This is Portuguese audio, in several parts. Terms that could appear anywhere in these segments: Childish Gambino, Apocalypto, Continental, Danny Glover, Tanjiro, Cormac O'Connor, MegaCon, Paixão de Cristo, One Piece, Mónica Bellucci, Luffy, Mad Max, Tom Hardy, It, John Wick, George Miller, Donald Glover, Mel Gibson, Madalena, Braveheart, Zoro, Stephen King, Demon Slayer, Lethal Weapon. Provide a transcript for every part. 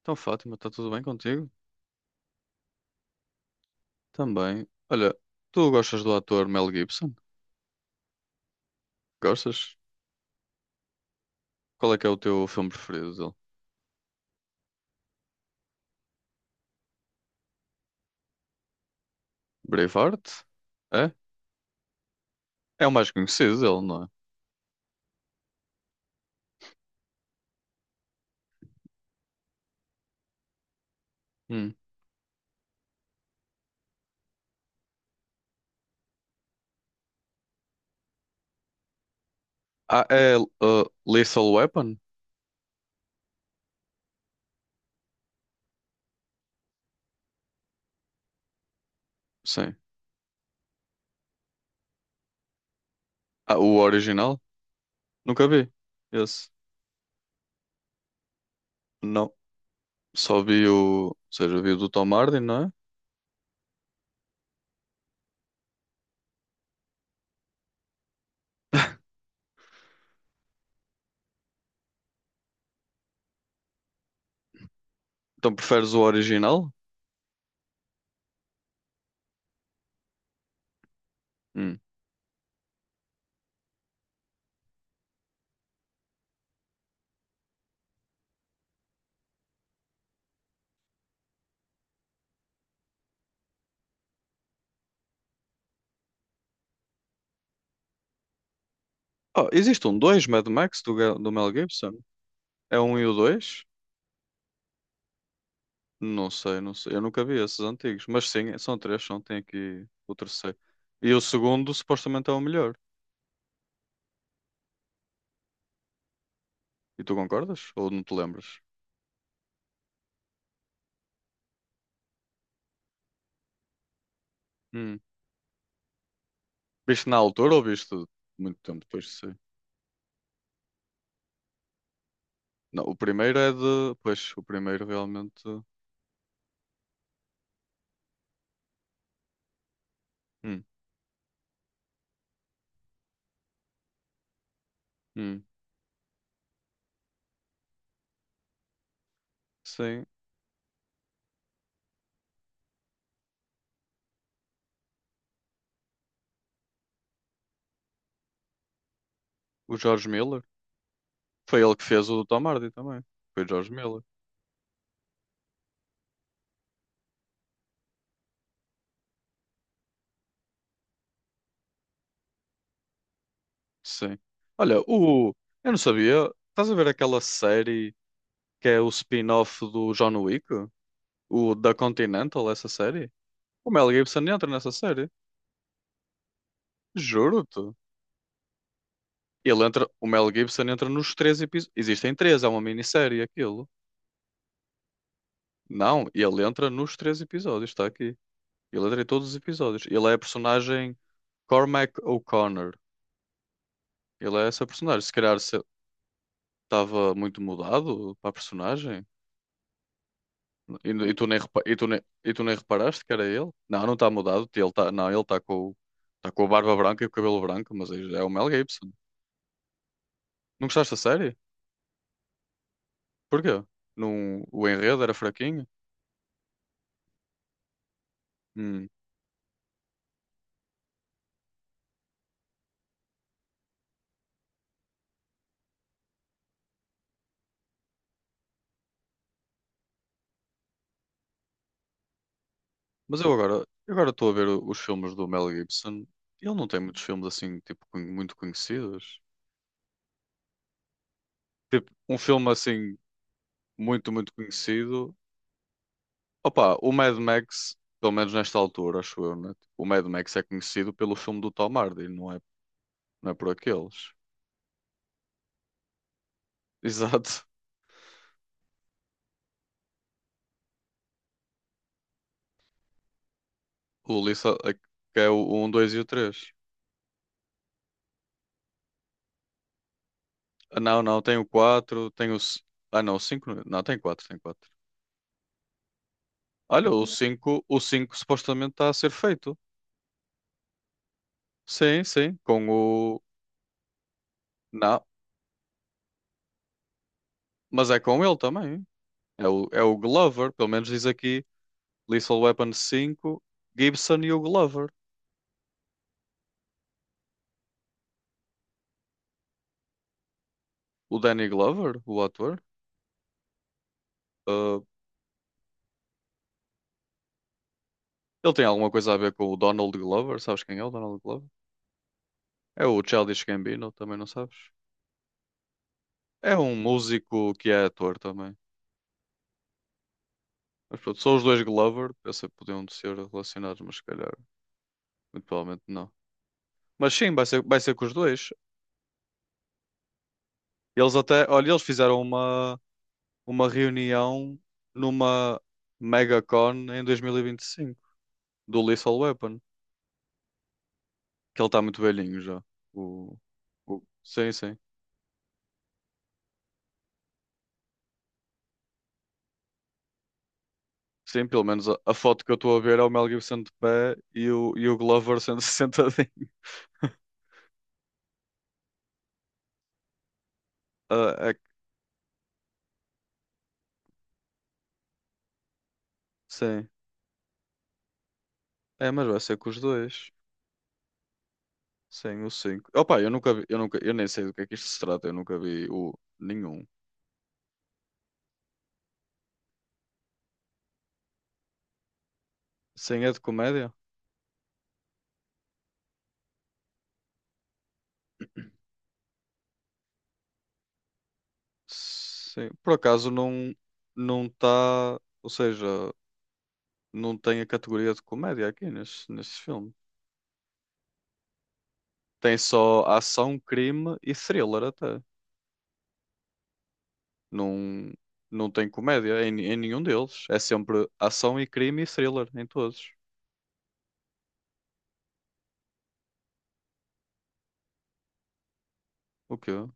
Então, Fátima, está tudo bem contigo? Também. Olha, tu gostas do ator Mel Gibson? Gostas? Qual é que é o teu filme preferido dele? Braveheart? É? É o mais conhecido dele, não é? Hum. Ah, é Lethal Weapon? Sim. Ah, o original? Nunca vi. Esse? Não. Só vi o, ou seja, vi o do Tom Hardy, não é? Então preferes o original? Hum. Oh, existe um dois Mad Max do Mel Gibson? É um e o dois? Não sei, não sei. Eu nunca vi esses antigos. Mas sim, são três, são. Tem aqui o terceiro. E o segundo supostamente é o melhor. E tu concordas? Ou não te lembras? Hum. Viste na altura ou viste muito tempo depois de sair? Não, o primeiro é de. Pois, o primeiro realmente. Hum, hum. Sim. O George Miller. Foi ele que fez o do Tom Hardy também. Foi o George Miller. Sim. Olha, o. Eu não sabia. Estás a ver aquela série que é o spin-off do John Wick? O da Continental, essa série? O Mel Gibson entra nessa série. Juro-te. Ele entra, o Mel Gibson entra nos três episódios. Existem três, é uma minissérie aquilo. Não, ele entra nos três episódios, está aqui. Ele entra em todos os episódios. Ele é a personagem Cormac O'Connor. Ele é essa personagem. Se calhar estava muito mudado para a personagem. E tu nem, tu nem reparaste que era ele? Não, não está mudado. Ele tá, não, ele está com, tá com a barba branca e o cabelo branco, mas é o Mel Gibson. Não gostaste da série? Porquê? Não, o enredo era fraquinho? Hum. Mas eu agora, estou a ver os filmes do Mel Gibson. Ele não tem muitos filmes assim, tipo, muito conhecidos. Tipo, um filme assim, muito, muito conhecido. Opa, o Mad Max, pelo menos nesta altura, acho eu, né? O Mad Max é conhecido pelo filme do Tom Hardy, não é, não é por aqueles. Exato. O Lisa, que é o um, 2 e o três. Ah, não, não, tem o 4, ah, não, o cinco. Não, tem quatro. Olha, o cinco supostamente está a ser feito. Sim, sim, com o. Não, mas é com ele também. É o Glover, pelo menos diz aqui Lethal Weapon 5, Gibson e o Glover. O Danny Glover, o ator. ah, ele tem alguma coisa a ver com o Donald Glover? Sabes quem é o Donald Glover? É o Childish Gambino, também não sabes? É um músico que é ator também. Mas pronto, são os dois Glover, pensei que podiam ser relacionados, mas se calhar, muito provavelmente não. Mas sim, vai ser com os dois. Eles até, olha, eles fizeram uma, reunião numa MegaCon em 2025 do Lethal Weapon, que ele está muito velhinho já. O, sim, sim. Sim, pelo menos a foto que eu estou a ver é o Mel Gibson de pé e o Glover sendo sentadinho. Ah, é que- sim. É, mas vai ser com os dois. Sim, o cinco. Opa, eu nunca vi, eu nem sei do que é que isto se trata, eu nunca vi o nenhum. Sim, é de comédia? Sim, por acaso não está, ou seja, não tem a categoria de comédia aqui neste, filme. Tem só ação, crime e thriller até. Não não tem comédia em nenhum deles. É sempre ação e crime e thriller em todos. O quê?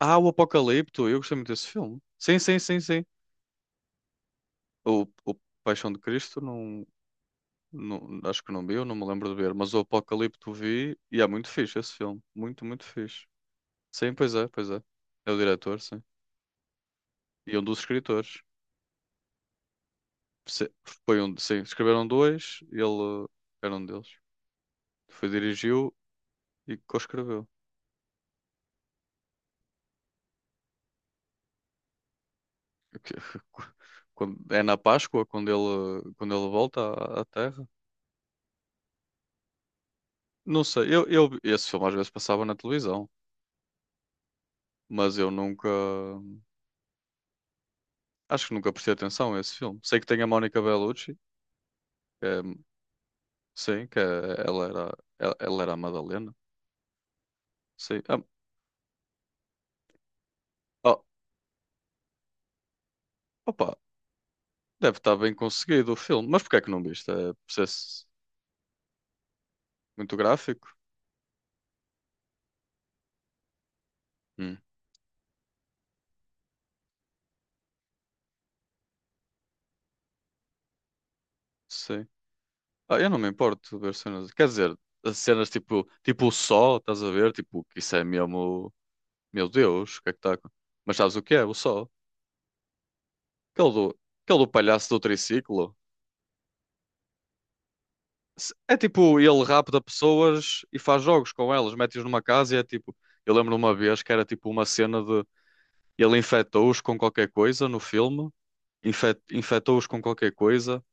Ah, o Apocalipto, eu gostei muito desse filme. Sim, sim, sim, sim. O Paixão de Cristo não, não acho que não vi, eu não me lembro de ver, mas o Apocalipto vi e é muito fixe esse filme, muito, muito fixe. Sim, pois é, pois é. É o diretor, sim. E um dos escritores. Se- Foi um, sim, escreveram dois, ele era um deles. Foi, dirigiu e co-escreveu. Que- É na Páscoa, quando ele, volta à Terra. Não sei, eu, esse filme às vezes passava na televisão, mas eu nunca, acho que nunca prestei atenção a esse filme. Sei que tem a Mónica Bellucci, que é- sim, que é- ela era a Madalena. Sim. Ah, oh, opa, deve estar bem conseguido o filme. Mas porquê é que não viste? É processo muito gráfico? Hum, sei. Ah, eu não me importo de ver cenas. Quer dizer, as cenas tipo o Sol, estás a ver? Tipo, que isso é mesmo. Meu Deus, o que é que está. Mas sabes o que é? O Sol. Aquele do, aquele do palhaço do triciclo. É tipo, ele rapta pessoas e faz jogos com elas, mete-os numa casa e é tipo. Eu lembro uma vez que era tipo uma cena de. Ele infectou-os com qualquer coisa no filme, infectou-os com qualquer coisa.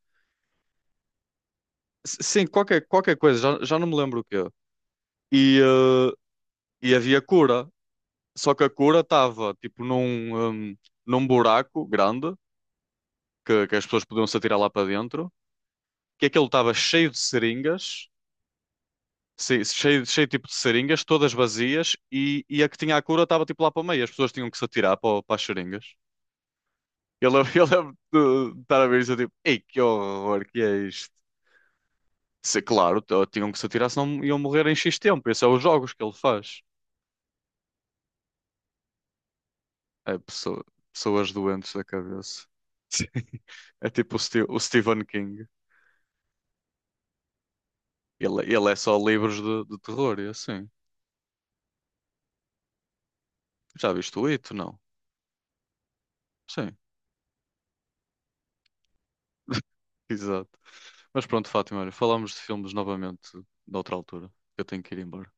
Sim, qualquer, coisa, já não me lembro o quê. E, eh, e havia cura, só que a cura estava tipo num buraco grande que as pessoas podiam se atirar lá para dentro, que aquilo estava cheio de seringas, cheio tipo de seringas, todas vazias, e a que tinha a cura estava tipo lá para o meio, as pessoas tinham que se atirar para as seringas. Eu lembro, eu lembro de estar a ver isso, eu tipo, ei, que horror, que é isto? Se, claro, tinham que se atirar, senão iam morrer em X tempo, esses são os jogos que ele faz. É pessoas doentes da cabeça. É tipo o Stephen King. Ele é só livros de terror e é assim. Já viste o It? Não. Sim, exato. Mas pronto, Fátima, olha, falamos de filmes novamente noutra altura. Eu tenho que ir embora.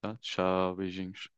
Tá? Tchau, beijinhos.